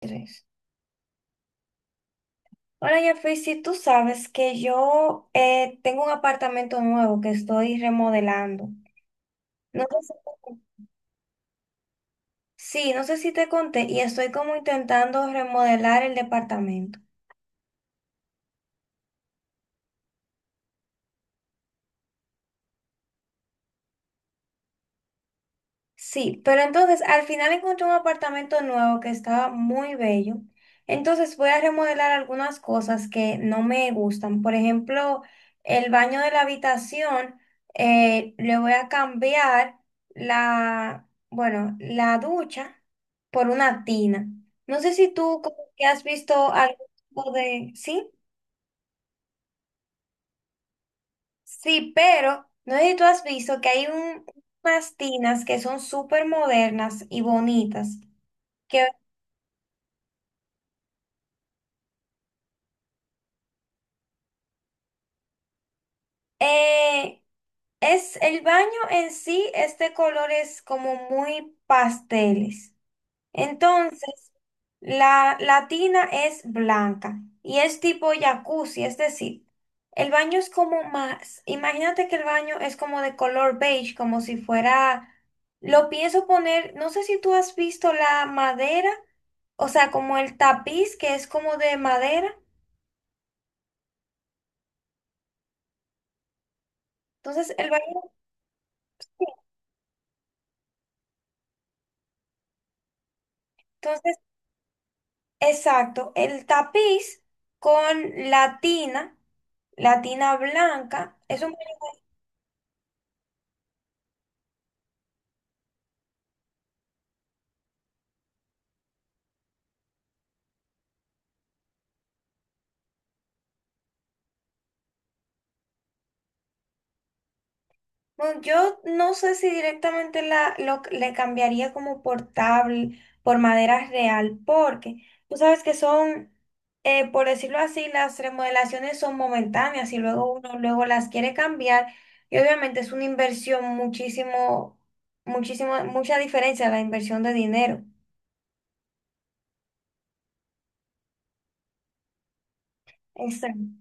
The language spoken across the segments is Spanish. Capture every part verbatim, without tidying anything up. Tres. Hola, Jeffrey, si tú sabes que yo eh, tengo un apartamento nuevo que estoy remodelando. No sé si- sí, no sé si te conté y estoy como intentando remodelar el departamento. Sí, pero entonces al final encontré un apartamento nuevo que estaba muy bello. Entonces voy a remodelar algunas cosas que no me gustan. Por ejemplo, el baño de la habitación, eh, le voy a cambiar la, bueno, la ducha por una tina. No sé si tú como que has visto algo de... Sí, sí, pero no sé si tú has visto que hay un- unas tinas que son súper modernas y bonitas. Eh, es el baño en sí es de colores como muy pasteles. Entonces, la, la tina es blanca y es tipo jacuzzi, es decir, el baño es como más, imagínate que el baño es como de color beige, como si fuera, lo pienso poner, no sé si tú has visto la madera, o sea, como el tapiz que es como de madera. Entonces, el baño, entonces exacto, el tapiz con la tina, la tina blanca. Es un- bueno, yo no sé si directamente la, lo, le cambiaría como por tabl- por madera real, porque tú sabes que son, eh, por decirlo así, las remodelaciones son momentáneas y luego uno luego las quiere cambiar y obviamente es una inversión muchísimo, muchísimo, mucha diferencia la inversión de dinero. Exacto.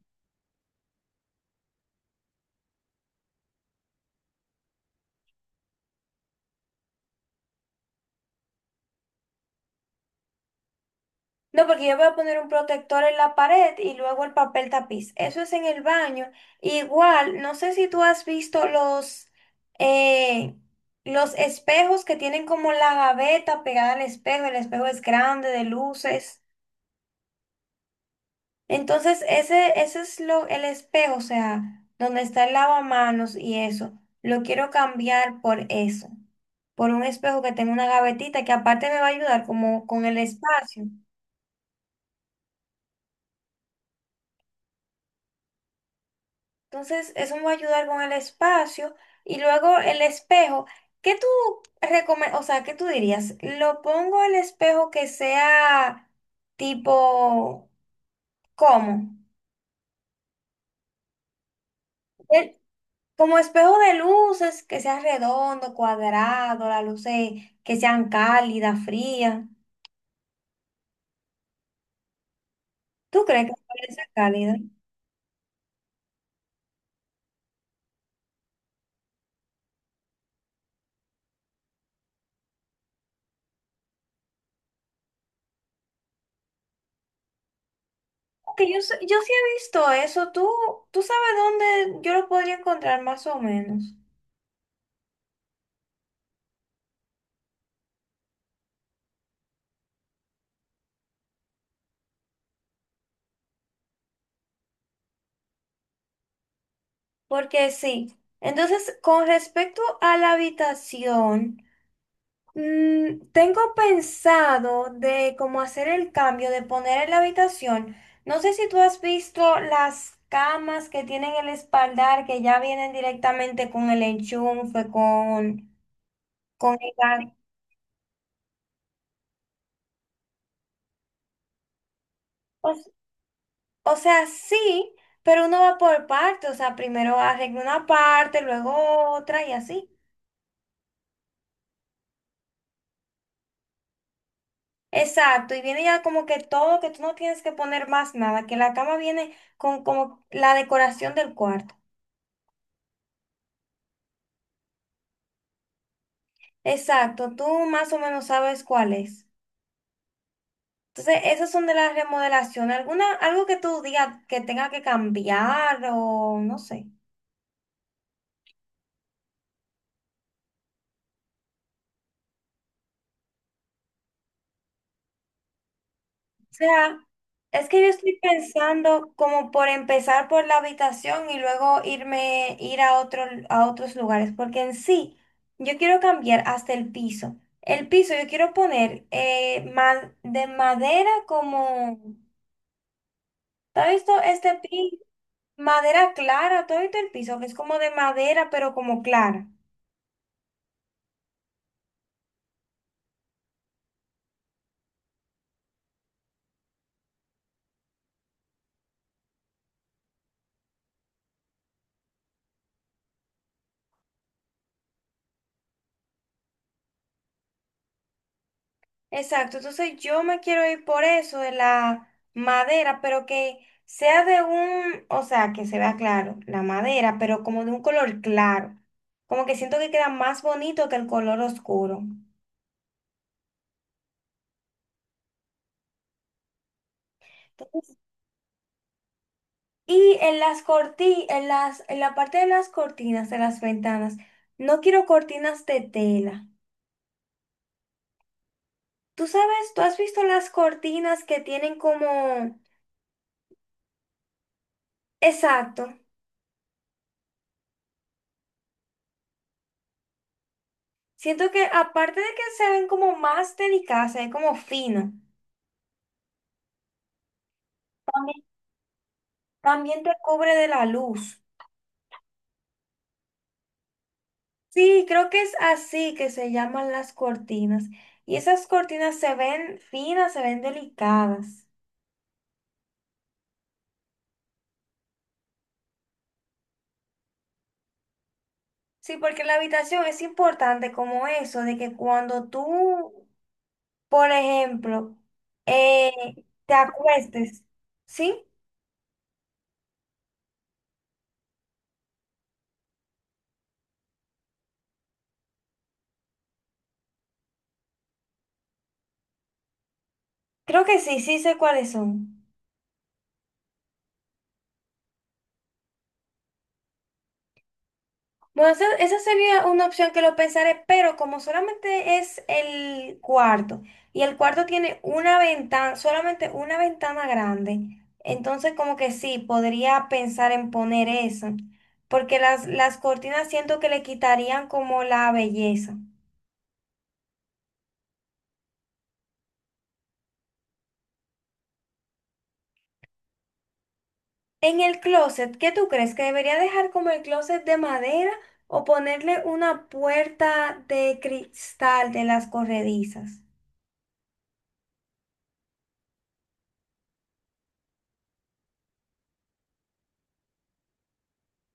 No, porque yo voy a poner un protector en la pared y luego el papel tapiz. Eso es en el baño. Igual, no sé si tú has visto los, eh, los espejos que tienen como la gaveta pegada al espejo. El espejo es grande, de luces. Entonces, ese, ese es lo, el espejo, o sea, donde está el lavamanos y eso. Lo quiero cambiar por eso, por un espejo que tenga una gavetita que aparte me va a ayudar como con el espacio. Entonces, eso me va a ayudar con el espacio. Y luego el espejo. ¿Qué tú recomiendas? O sea, ¿qué tú dirías? ¿Lo pongo el espejo que sea tipo, ¿cómo? El- como espejo de luces, que sea redondo, cuadrado, las luces que sean cálidas, frías. ¿Tú crees que puede ser cálida? Porque yo, sé- yo sí he visto eso. ¿Tú, tú sabes dónde yo lo podría encontrar más o menos? Porque sí. Entonces, con respecto a la habitación, mm, tengo pensado de cómo hacer el cambio de poner en la habitación. No sé si tú has visto las camas que tienen el espaldar que ya vienen directamente con el enchufe, con, con el... ga- o, s- o sea, sí, pero uno va por partes. O sea, primero arregla una parte, luego otra y así. Exacto, y viene ya como que todo, que tú no tienes que poner más nada, que la cama viene con como la decoración del cuarto. Exacto, tú más o menos sabes cuál es. Entonces, esas son de las remodelaciones. ¿Alguna, algo que tú digas que tenga que cambiar o no sé? Sea, es que yo estoy pensando como por empezar por la habitación y luego irme, ir a otro, a otros lugares, porque en sí, yo quiero cambiar hasta el piso. El piso yo quiero poner eh, ma- de madera como, ¿tú has visto este piso? Madera clara, ¿tú has visto el piso? Que es como de madera, pero como clara. Exacto, entonces yo me quiero ir por eso de la madera, pero que sea de un, o sea, que se vea claro, la madera, pero como de un color claro, como que siento que queda más bonito que el color oscuro. Entonces, y en las corti, en las, en la parte de las cortinas, de las ventanas, no quiero cortinas de tela. Tú sabes, tú has visto las cortinas que tienen como, exacto, siento que aparte de que se ven como más delicadas, se ven como fino. También también te cubre de la luz. Sí, creo que es así que se llaman las cortinas. Y esas cortinas se ven finas, se ven delicadas. Sí, porque la habitación es importante como eso, de que cuando tú, por ejemplo, eh, te acuestes, ¿sí? Creo que sí, sí sé cuáles son. Bueno, esa, esa sería una opción que lo pensaré, pero como solamente es el cuarto y el cuarto tiene una ventana, solamente una ventana grande, entonces como que sí, podría pensar en poner esa, porque las, las cortinas siento que le quitarían como la belleza. En el closet, ¿qué tú crees? ¿Que debería dejar como el closet de madera o ponerle una puerta de cristal de las corredizas?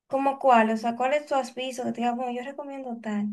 ¿Cómo cuál? O sea, ¿cuál es tu aviso que te diga, bueno, yo recomiendo tal?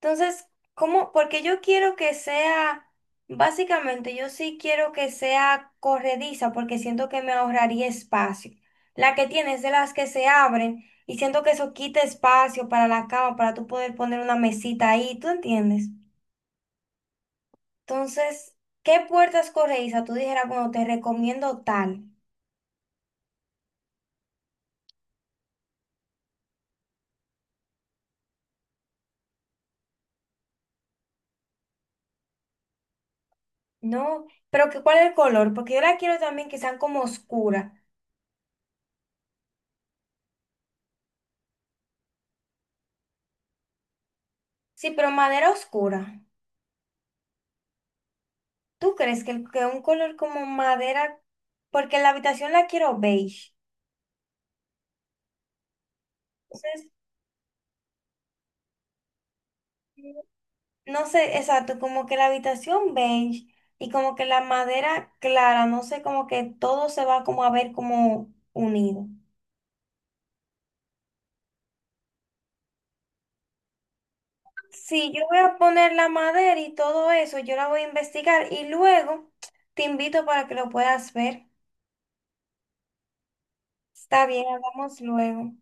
Entonces, ¿cómo? Porque yo quiero que sea, básicamente, yo sí quiero que sea corrediza porque siento que me ahorraría espacio. La que tienes de las que se abren y siento que eso quita espacio para la cama, para tú poder poner una mesita ahí, ¿tú entiendes? Entonces, ¿qué puertas corredizas tú dijeras, bueno, te recomiendo tal? No, pero que, ¿cuál es el color? Porque yo la quiero también que sean como oscuras. Sí, pero madera oscura. ¿Tú crees que, el- que un color como madera, porque la habitación la quiero beige? Entonces, no sé, exacto, como que la habitación beige y como que la madera clara, no sé, como que todo se va como a ver como unido. Sí, yo voy a poner la madera y todo eso, yo la voy a investigar y luego te invito para que lo puedas ver. Está bien, hablamos luego.